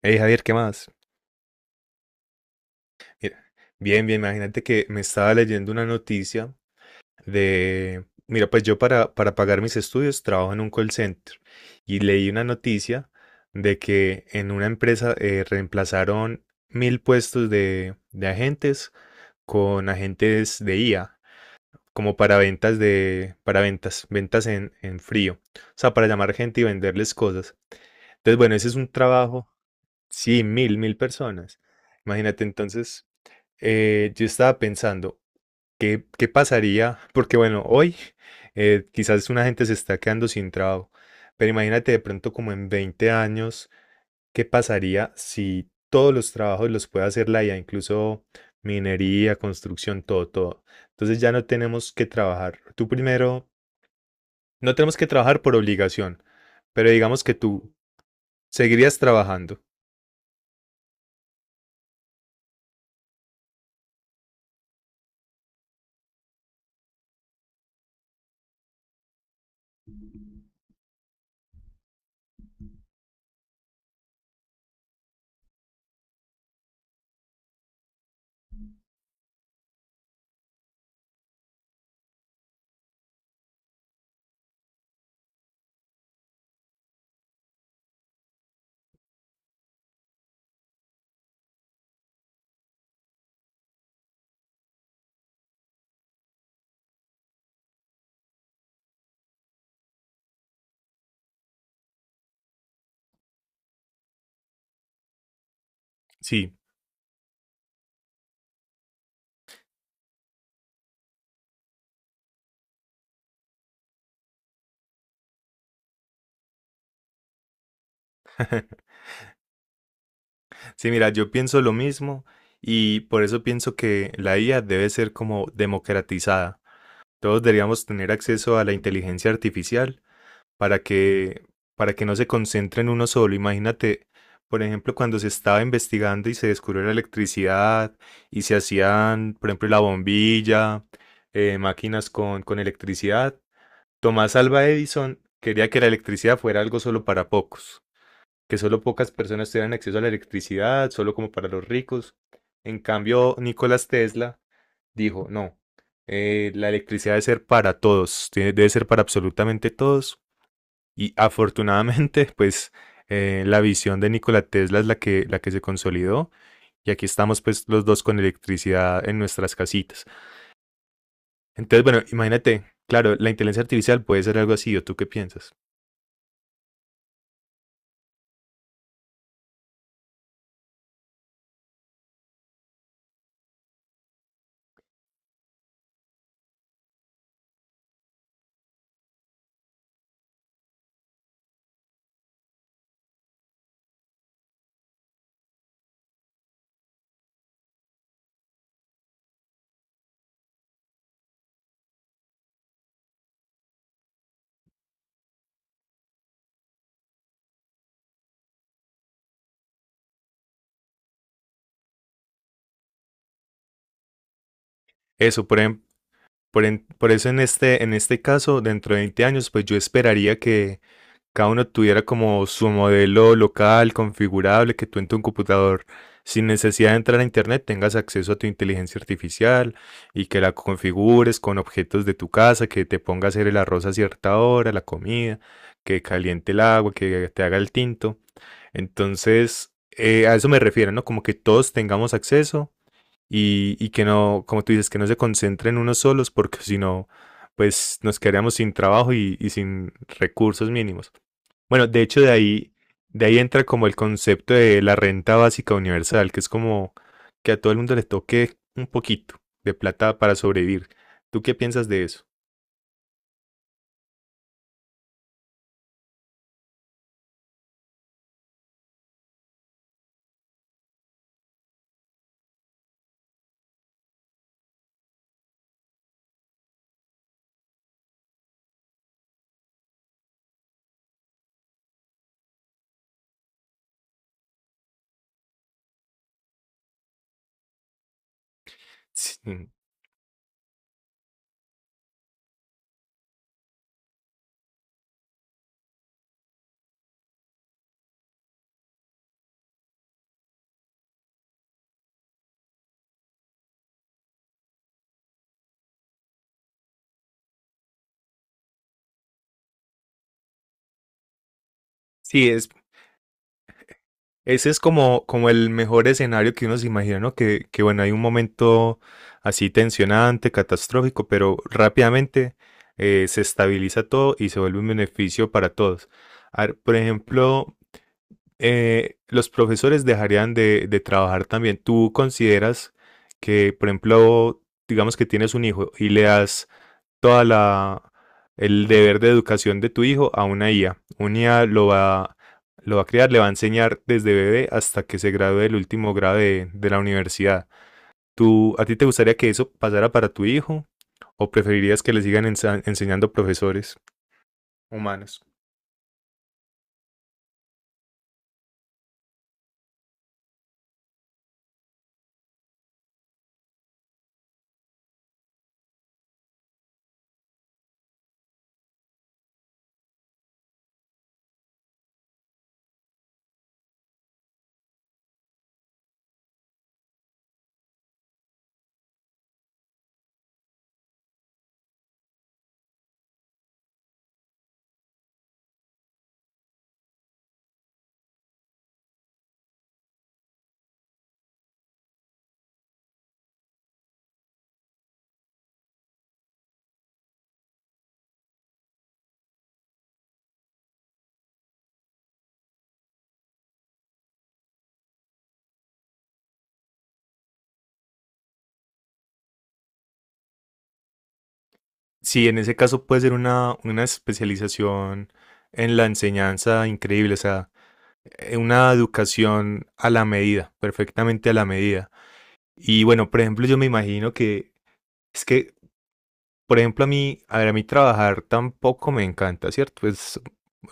Hey Javier, ¿qué más? Mira, bien, bien, imagínate que me estaba leyendo una noticia de, mira, pues yo para pagar mis estudios trabajo en un call center y leí una noticia de que en una empresa reemplazaron 1000 puestos de agentes con agentes de IA, como para ventas de, para ventas, ventas en frío, o sea, para llamar gente y venderles cosas. Entonces, bueno, ese es un trabajo. Sí, 1000, 1000 personas. Imagínate, entonces, yo estaba pensando, ¿qué, qué pasaría? Porque bueno, hoy quizás una gente se está quedando sin trabajo, pero imagínate de pronto como en 20 años, ¿qué pasaría si todos los trabajos los puede hacer la IA, incluso minería, construcción, todo, todo? Entonces ya no tenemos que trabajar. Tú primero, no tenemos que trabajar por obligación, pero digamos que tú seguirías trabajando. Sí. Sí, mira, yo pienso lo mismo y por eso pienso que la IA debe ser como democratizada. Todos deberíamos tener acceso a la inteligencia artificial para que, para que no se concentre en uno solo. Imagínate, por ejemplo, cuando se estaba investigando y se descubrió la electricidad y se hacían, por ejemplo, la bombilla, máquinas con electricidad. Tomás Alva Edison quería que la electricidad fuera algo solo para pocos, que solo pocas personas tuvieran acceso a la electricidad, solo como para los ricos. En cambio, Nicolás Tesla dijo, no, la electricidad debe ser para todos, debe ser para absolutamente todos. Y afortunadamente, pues la visión de Nikola Tesla es la que se consolidó. Y aquí estamos pues los dos con electricidad en nuestras casitas. Entonces, bueno, imagínate, claro, la inteligencia artificial puede ser algo así, ¿o tú qué piensas? Eso, por ejemplo. Por eso en este caso, dentro de 20 años, pues yo esperaría que cada uno tuviera como su modelo local, configurable, que tú en tu computador, sin necesidad de entrar a internet, tengas acceso a tu inteligencia artificial y que la configures con objetos de tu casa, que te ponga a hacer el arroz a cierta hora, la comida, que caliente el agua, que te haga el tinto. Entonces, a eso me refiero, ¿no? Como que todos tengamos acceso y que no, como tú dices, que no se concentren en unos solos porque si no, pues nos quedaríamos sin trabajo y sin recursos mínimos. Bueno, de hecho de ahí entra como el concepto de la renta básica universal, que es como que a todo el mundo le toque un poquito de plata para sobrevivir. ¿Tú qué piensas de eso? Sí, sí, es. Ese es como, como el mejor escenario que uno se imagina, ¿no? Que bueno, hay un momento así tensionante, catastrófico, pero rápidamente se estabiliza todo y se vuelve un beneficio para todos. A ver, por ejemplo, los profesores dejarían de trabajar también. ¿Tú consideras que, por ejemplo, digamos que tienes un hijo y le das toda la el deber de educación de tu hijo a una IA. Una IA lo va a crear, le va a enseñar desde bebé hasta que se gradúe del último grado de la universidad. ¿Tú, ¿a ti te gustaría que eso pasara para tu hijo? ¿O preferirías que le sigan enseñando profesores humanos? Sí, en ese caso puede ser una especialización en la enseñanza increíble, o sea, una educación a la medida, perfectamente a la medida. Y bueno, por ejemplo, yo me imagino que es que por ejemplo, a mí, a ver, a mí trabajar tampoco me encanta, ¿cierto? Es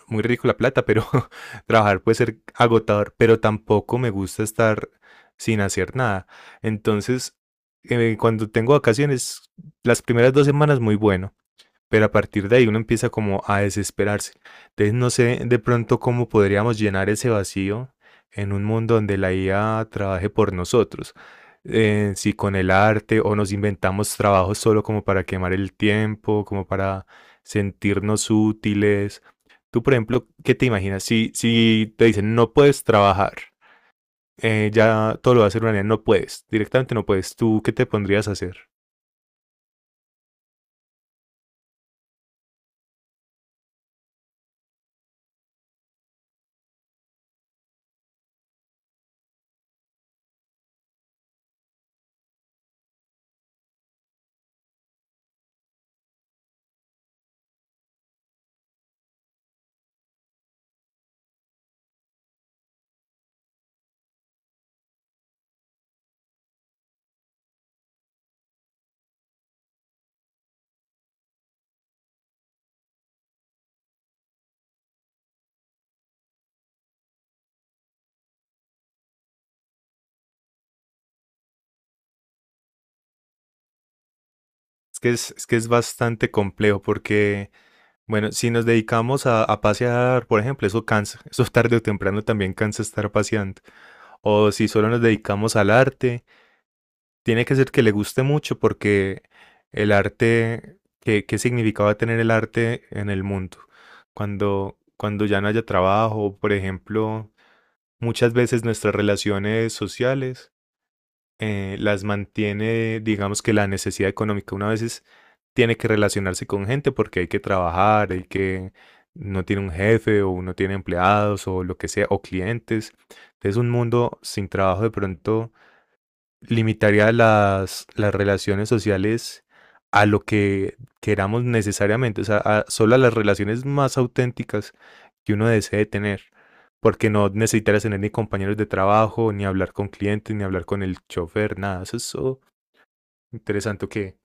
muy rico la plata, pero trabajar puede ser agotador, pero tampoco me gusta estar sin hacer nada. Entonces, cuando tengo vacaciones, las primeras dos semanas muy bueno, pero a partir de ahí uno empieza como a desesperarse. Entonces no sé de pronto cómo podríamos llenar ese vacío en un mundo donde la IA trabaje por nosotros. Si con el arte o nos inventamos trabajos solo como para quemar el tiempo, como para sentirnos útiles. Tú, por ejemplo, ¿qué te imaginas? Si, si te dicen no puedes trabajar, ya todo lo va a hacer una IA, no puedes, directamente no puedes. ¿Tú qué te pondrías a hacer? Es que es bastante complejo porque bueno, si nos dedicamos a pasear, por ejemplo, eso cansa, eso tarde o temprano también cansa estar paseando. O si solo nos dedicamos al arte, tiene que ser que le guste mucho porque el arte, ¿qué, qué significado va a tener el arte en el mundo? Cuando, cuando ya no haya trabajo, por ejemplo, muchas veces nuestras relaciones sociales las mantiene, digamos que la necesidad económica. Tiene que relacionarse con gente porque hay que trabajar, hay que no tiene un jefe o no tiene empleados o lo que sea, o clientes. Es un mundo sin trabajo de pronto limitaría las relaciones sociales a lo que queramos necesariamente, o sea, solo a las relaciones más auténticas que uno desee tener, porque no necesitarías tener ni compañeros de trabajo, ni hablar con clientes, ni hablar con el chofer, nada. Eso es so interesante que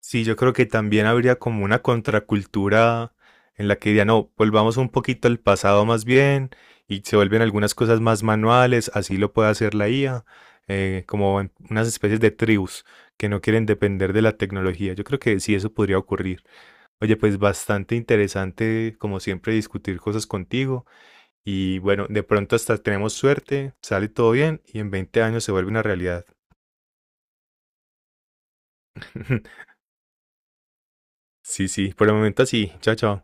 sí, yo creo que también habría como una contracultura en la que diría, no, volvamos un poquito al pasado más bien y se vuelven algunas cosas más manuales, así lo puede hacer la IA, como en unas especies de tribus que no quieren depender de la tecnología. Yo creo que sí, eso podría ocurrir. Oye, pues bastante interesante, como siempre, discutir cosas contigo y bueno, de pronto hasta tenemos suerte, sale todo bien y en 20 años se vuelve una realidad. Sí, sí, por el momento así. Chao, chao.